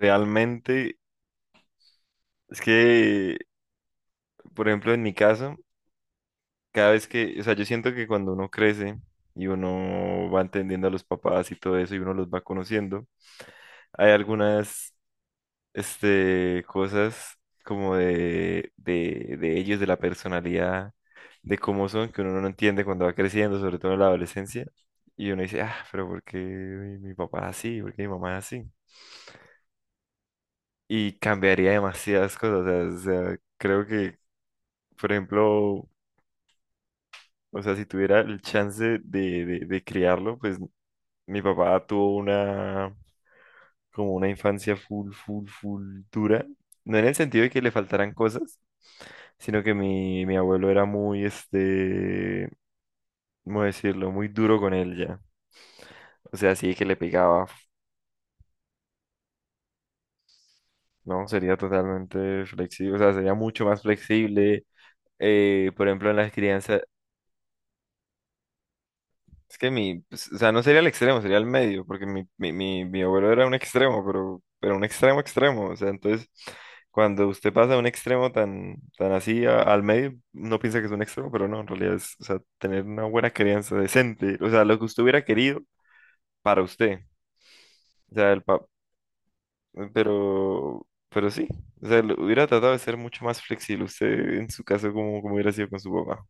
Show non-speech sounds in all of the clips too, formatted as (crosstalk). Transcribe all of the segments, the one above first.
Realmente, es que, por ejemplo, en mi caso, cada vez que, o sea, yo siento que cuando uno crece y uno va entendiendo a los papás y todo eso y uno los va conociendo, hay algunas cosas como de ellos, de la personalidad, de cómo son, que uno no entiende cuando va creciendo, sobre todo en la adolescencia, y uno dice, ah, pero ¿por qué mi papá es así? ¿Por qué mi mamá es así? Y cambiaría demasiadas cosas, o sea, creo que. Por ejemplo, o sea, si tuviera el chance de criarlo, pues mi papá tuvo una, como una infancia full, full, full dura. No en el sentido de que le faltaran cosas, sino que mi abuelo era muy, ¿cómo decirlo? Muy duro con él ya. O sea, sí que le pegaba, ¿no? Sería totalmente flexible, o sea, sería mucho más flexible. Por ejemplo, en las crianzas. Es que mi, pues, o sea, no sería el extremo, sería el medio, porque mi abuelo era un extremo, pero un extremo extremo. O sea, entonces, cuando usted pasa de un extremo tan así al medio, no piensa que es un extremo, pero no, en realidad es, o sea, tener una buena crianza decente, o sea, lo que usted hubiera querido para usted. O sea, pero sí, o sea, hubiera tratado de ser mucho más flexible usted en su caso como hubiera sido con su papá,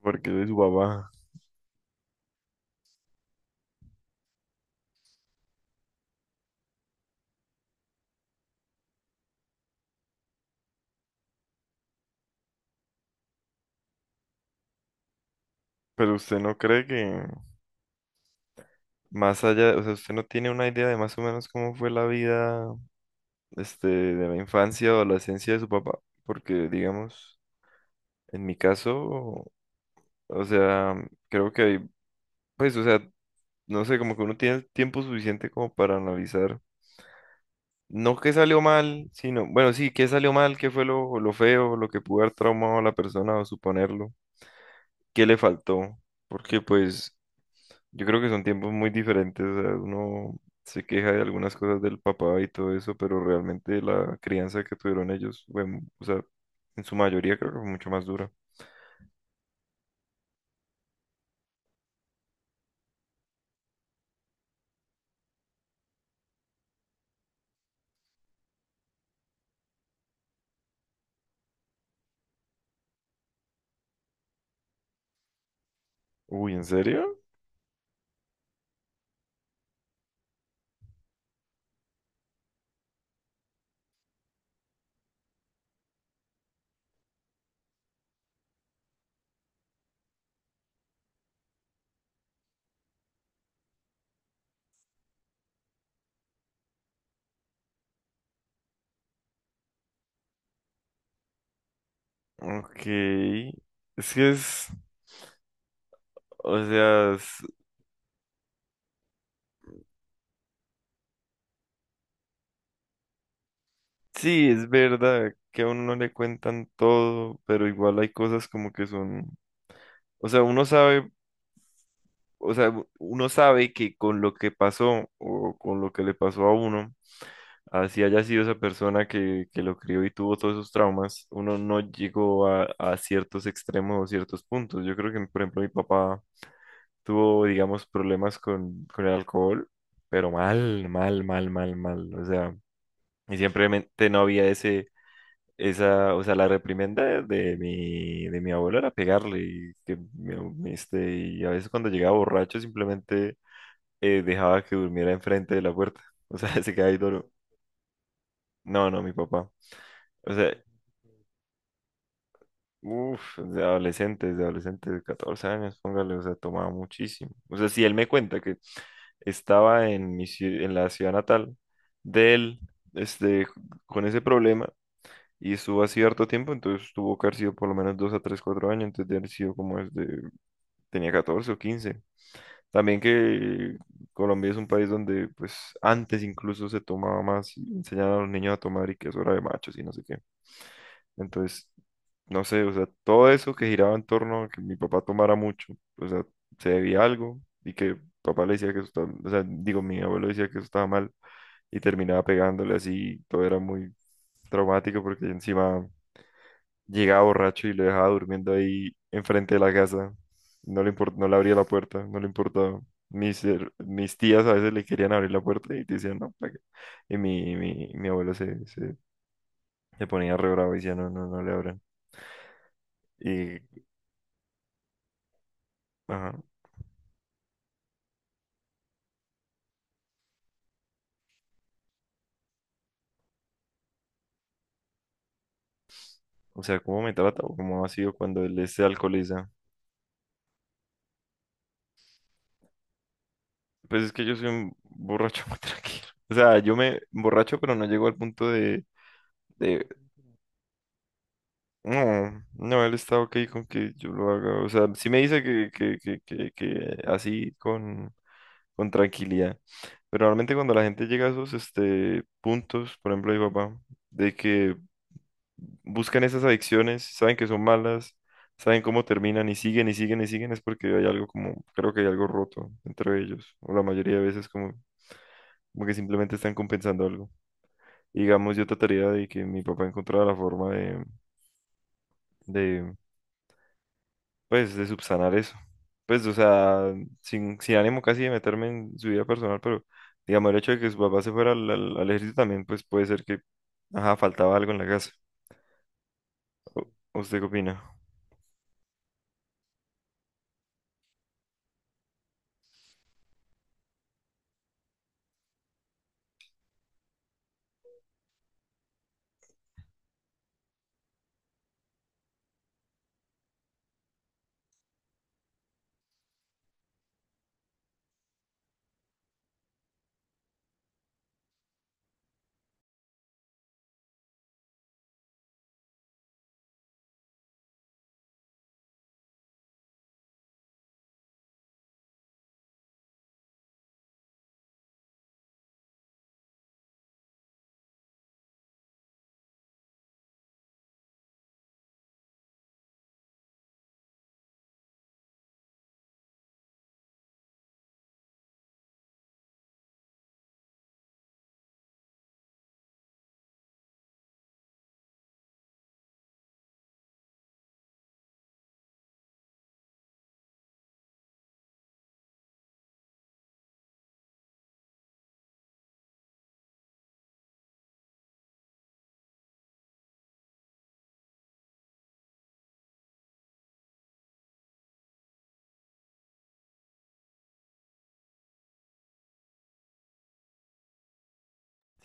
porque es su papá. Pero usted no cree que. Más allá, o sea, usted no tiene una idea de más o menos cómo fue la vida, de la infancia o adolescencia de su papá, porque digamos, en mi caso, o sea, creo que hay, pues, o sea, no sé, como que uno tiene el tiempo suficiente como para analizar, no qué salió mal, sino, bueno, sí, qué salió mal, qué fue lo feo, lo que pudo haber traumado a la persona o suponerlo, qué le faltó, porque pues, yo creo que son tiempos muy diferentes. O sea, uno se queja de algunas cosas del papá y todo eso, pero realmente la crianza que tuvieron ellos, bueno, o sea, en su mayoría creo que fue mucho más dura. Uy, ¿en serio? Ok. Es que es, o sea, sí, es verdad que a uno no le cuentan todo, pero igual hay cosas como que son, o sea, uno sabe, o sea, uno sabe que con lo que pasó o con lo que le pasó a uno. Así haya sido esa persona que lo crió y tuvo todos esos traumas, uno no llegó a ciertos extremos o ciertos puntos. Yo creo que, por ejemplo, mi papá tuvo, digamos, problemas con el alcohol, pero mal, mal, mal, mal, mal. O sea, y simplemente no había ese, esa, o sea, la reprimenda de mi abuelo era pegarle y que, y a veces cuando llegaba borracho simplemente dejaba que durmiera enfrente de la puerta. (laughs) O sea, se quedaba ahí duro. No, no, mi papá. O sea, uf, de adolescentes, de adolescentes de 14 años, póngale, o sea, tomaba muchísimo. O sea, si él me cuenta que estaba en en la ciudad natal de él, este, con ese problema, y estuvo así harto tiempo, entonces tuvo que haber sido por lo menos 2 a 3, 4 años, entonces de haber sido como desde, tenía 14 o 15. También que Colombia es un país donde, pues, antes incluso se tomaba más y enseñaban a los niños a tomar y que eso era de machos y no sé qué. Entonces, no sé, o sea, todo eso que giraba en torno a que mi papá tomara mucho, o sea, se debía a algo y que papá le decía que eso estaba, o sea, digo, mi abuelo decía que eso estaba mal y terminaba pegándole así, todo era muy traumático porque encima llegaba borracho y lo dejaba durmiendo ahí enfrente de la casa, no le abría la puerta, no le importaba. Mis tías a veces le querían abrir la puerta y te decían, "No, ¿para qué?". Y mi abuelo se ponía re bravo y decía, no, no, no le abran. Y Ajá. O sea, ¿cómo me trata o cómo ha sido cuando él se alcoholiza? Pues es que yo soy un borracho muy (laughs) tranquilo. O sea, yo me borracho, pero no llego al punto de, de. No, no, él está ok con que yo lo haga. O sea, sí me dice que, así con tranquilidad. Pero realmente cuando la gente llega a esos puntos, por ejemplo, mi papá, de que buscan esas adicciones, saben que son malas, saben cómo terminan y siguen y siguen y siguen, es porque hay algo como, creo que hay algo roto entre ellos, o la mayoría de veces como, como que simplemente están compensando algo. Digamos, yo trataría de que mi papá encontrara la forma de, pues, de subsanar eso. Pues, o sea, sin ánimo casi de meterme en su vida personal, pero digamos, el hecho de que su papá se fuera al ejército también, pues puede ser que, ajá, faltaba algo en la casa. ¿Usted qué opina?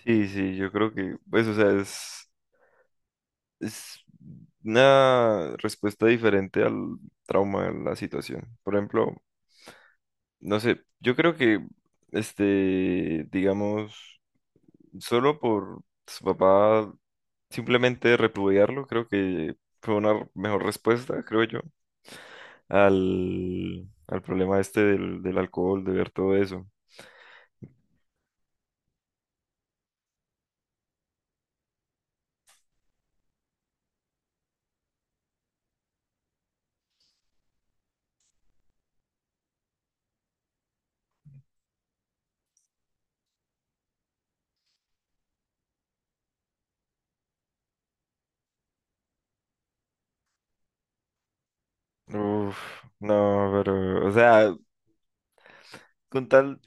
Sí, sí, yo creo que, pues, o sea, es una respuesta diferente al trauma, a la situación. Por ejemplo, no sé, yo creo que digamos, solo por su papá simplemente repudiarlo, creo que fue una mejor respuesta, creo yo, al problema este del alcohol, de ver todo eso. Uf, no, pero, o sea, con tal,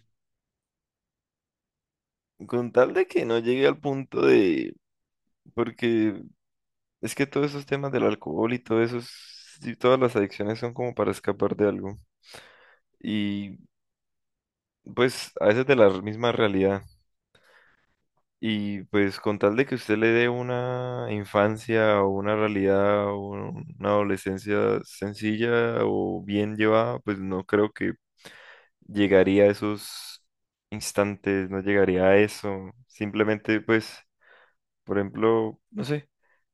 con tal de que no llegue al punto de, porque. Es que todos esos temas del alcohol y todo eso, y todas las adicciones son como para escapar de algo. Y pues a veces de la misma realidad. Y pues con tal de que usted le dé una infancia o una realidad o una adolescencia sencilla o bien llevada, pues no creo que llegaría a esos instantes, no llegaría a eso. Simplemente pues, por ejemplo, no sé,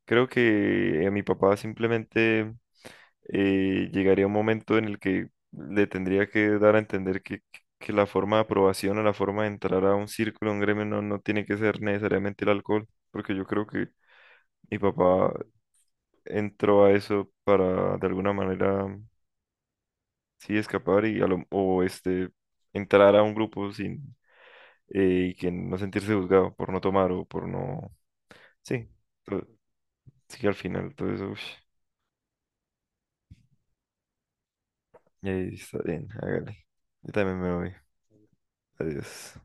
creo que a mi papá simplemente llegaría un momento en el que le tendría que dar a entender que la forma de aprobación o la forma de entrar a un círculo, a un gremio, no, no tiene que ser necesariamente el alcohol, porque yo creo que mi papá entró a eso para de alguna manera, sí, escapar y a lo- o este, entrar a un grupo sin y que no sentirse juzgado por no tomar o por no, sí, to- sí, al final todo eso, ush, está bien, hágale. Yo también me voy. Adiós.